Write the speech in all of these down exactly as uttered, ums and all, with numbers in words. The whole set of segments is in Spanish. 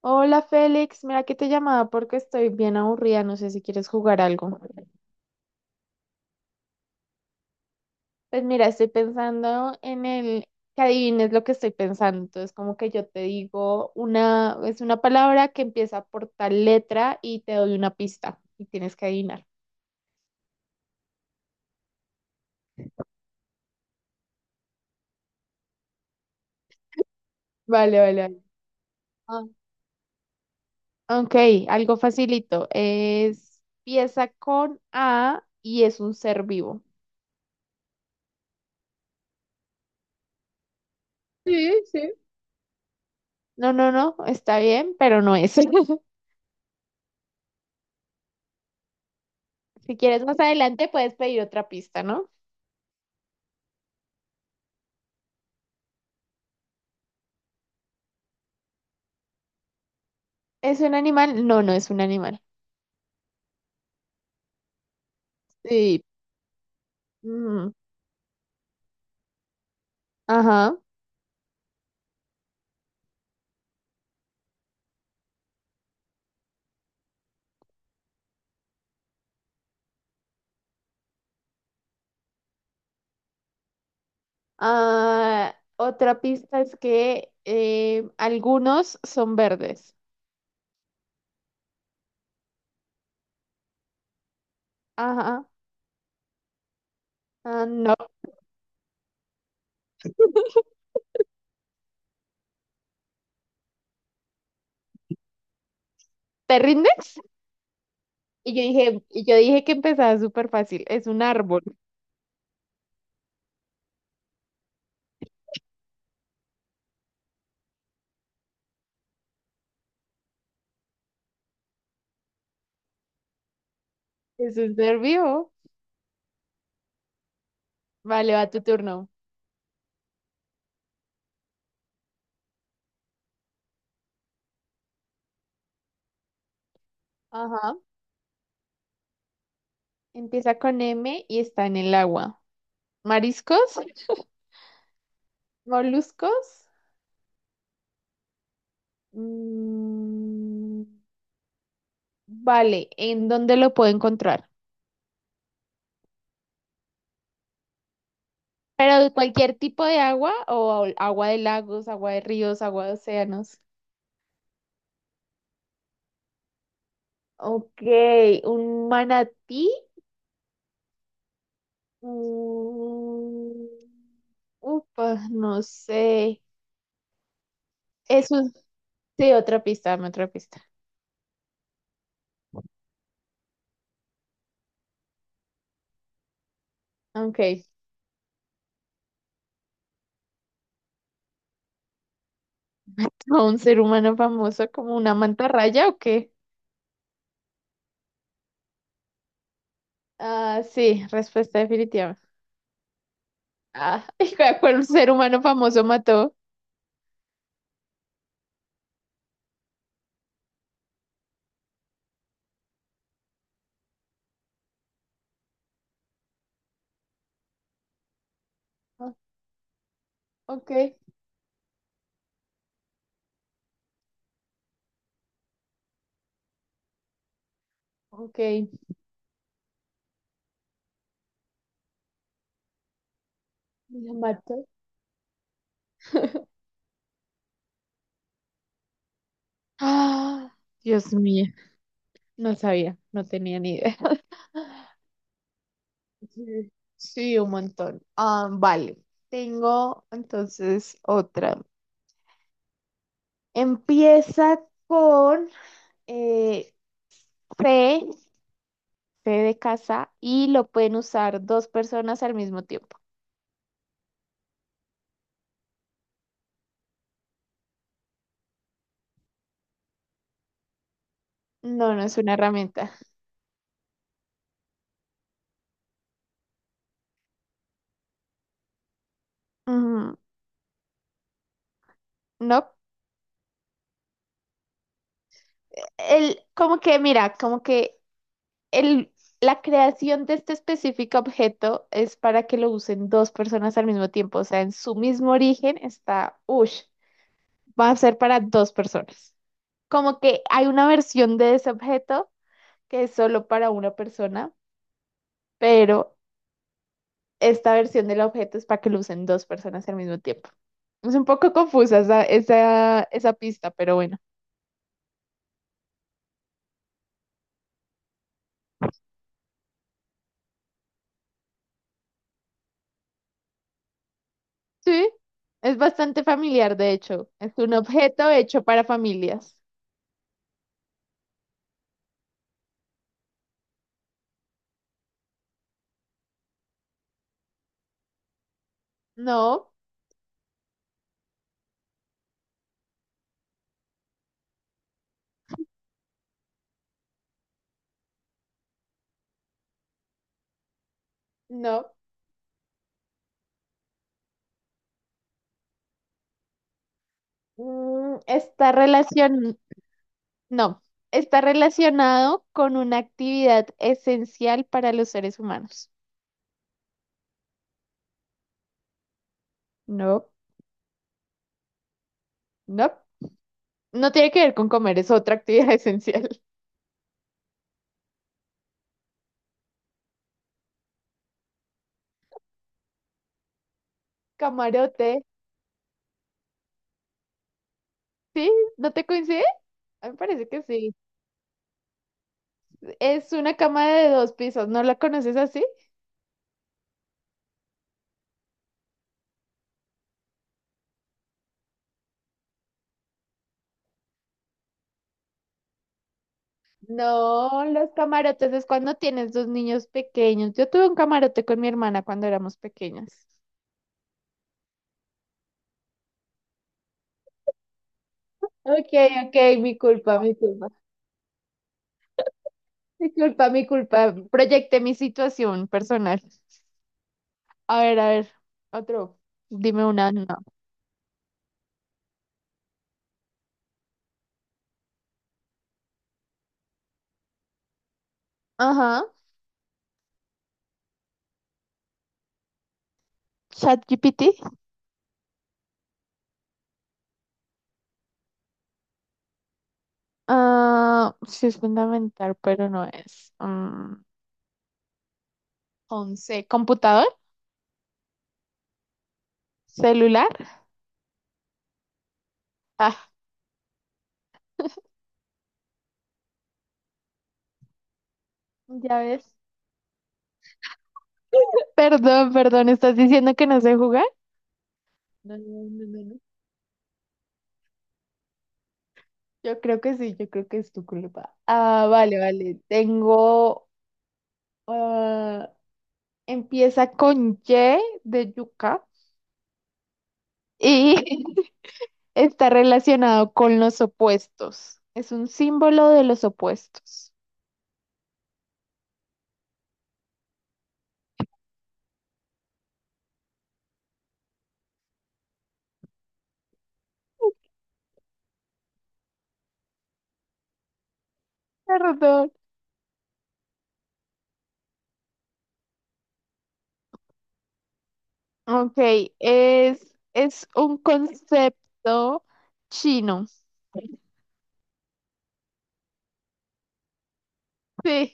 Hola Félix, mira que te llamaba porque estoy bien aburrida, no sé si quieres jugar algo. Pues mira, estoy pensando en el que adivines lo que estoy pensando. Entonces, como que yo te digo una, es una palabra que empieza por tal letra y te doy una pista y tienes que adivinar. Vale, vale, vale. Ah, ok, algo facilito. Es pieza con A y es un ser vivo. Sí, sí. No, no, no, está bien, pero no es. Si quieres más adelante puedes pedir otra pista, ¿no? ¿Es un animal? No, no es un animal. Sí. Mm, ajá. Ah, otra pista es que eh, algunos son verdes. Ajá. Ah, no. ¿Te rindes? Y yo dije, y yo dije que empezaba súper fácil. Es un árbol. Es un ser vivo. Vale, va tu turno. Ajá. Empieza con M y está en el agua. ¿Mariscos? ¿Moluscos? Mm, vale, ¿en dónde lo puedo encontrar? Pero de cualquier tipo de agua o agua de lagos, agua de ríos, agua de océanos. Ok, un manatí. Mm, upa, no sé. Eso, sí, otra pista, dame otra pista. Ok, ¿a un ser humano famoso como una mantarraya o qué? Ah, sí, respuesta definitiva. Ah, ¿cuál ser humano famoso mató? Ah, ok, ok. ¿La mató? Ah, Dios mío, no sabía, no tenía ni idea. Sí. Sí, un montón. Ah, vale, tengo entonces otra. Empieza con eh, fe, fe de casa, y lo pueden usar dos personas al mismo tiempo. No, no es una herramienta. Ujú. No, el, como que, mira, como que El, la creación de este específico objeto es para que lo usen dos personas al mismo tiempo, o sea, en su mismo origen está, ush, va a ser para dos personas. Como que hay una versión de ese objeto que es solo para una persona, pero esta versión del objeto es para que lo usen dos personas al mismo tiempo. Es un poco confusa esa, esa, esa pista, pero bueno. Sí, es bastante familiar, de hecho. Es un objeto hecho para familias. No, no. Mm, está relacion... no, está relacionado con una actividad esencial para los seres humanos. No, no. No tiene que ver con comer, es otra actividad esencial. Camarote. ¿Sí? ¿No te coincide? A mí me parece que sí. Es una cama de dos pisos, ¿no la conoces así? No, los camarotes es cuando tienes dos niños pequeños. Yo tuve un camarote con mi hermana cuando éramos pequeñas. Ok, ok, mi culpa, mi culpa. Disculpa, mi culpa. Proyecté mi situación personal. A ver, a ver, otro. Dime una. No. Ajá. ChatGPT. Ah, sí es fundamental, pero no es. Mm, once. ¿Computador? ¿Celular? Ah, ya ves. Perdón, perdón, ¿estás diciendo que no sé jugar? No, no, no, no, no. Yo creo que sí, yo creo que es tu culpa. Ah, vale, vale. Tengo. Ah, empieza con Y de yuca. Y. Está relacionado con los opuestos. Es un símbolo de los opuestos. Perdón. Ok, es, es un concepto chino. Sí,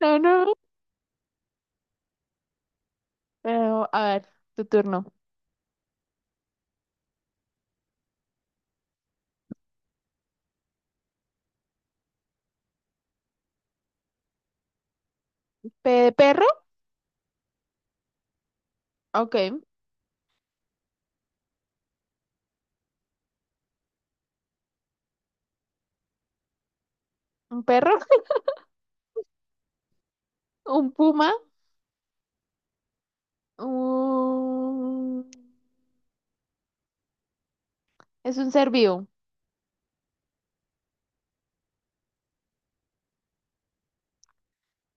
no, no. Pero, a ver, tu turno. ¿P de perro? Ok, un perro, un puma, un... es un ser vivo,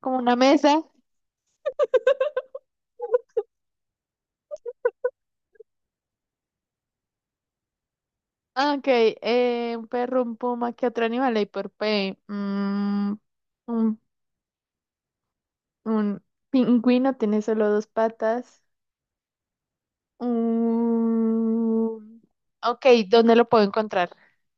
como una mesa. Ok, eh, un perro, un puma, ¿qué otro animal hay por P? Mm, Un Un pingüino tiene solo dos patas. Un... Ok, ¿dónde lo puedo encontrar?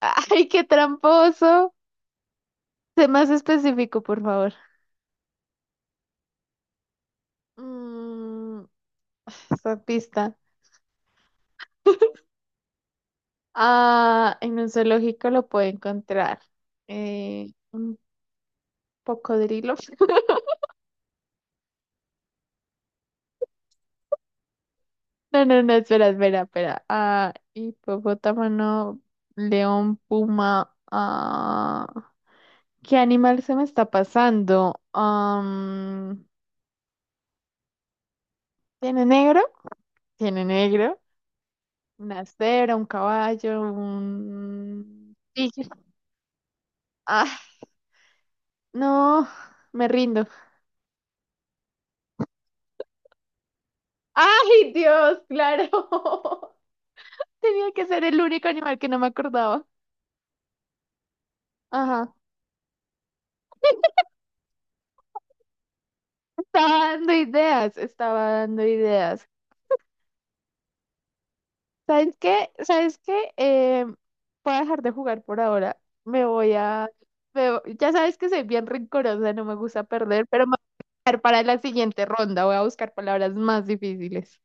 ¡Ay, qué tramposo! Sé más específico, por favor. Mm, esa pista. Ah, en un zoológico lo puedo encontrar. Eh, un cocodrilo. No, no, no, espera, espera, espera. Ah, hipopótamo, no, león, puma. Ah. ¿Qué animal se me está pasando? Am, ¿tiene negro? Tiene negro. Una cebra, un caballo, un tigre. Ah, no, me rindo. ¡Ay, Dios! Claro. Tenía que ser el único animal que no me acordaba. Ajá. Estaba dando ideas, estaba dando ideas. ¿Sabes qué? ¿Sabes qué? Eh, voy a dejar de jugar por ahora. Me voy a... me vo- ya sabes que soy bien rencorosa, no me gusta perder, pero me voy a buscar para la siguiente ronda. Voy a buscar palabras más difíciles.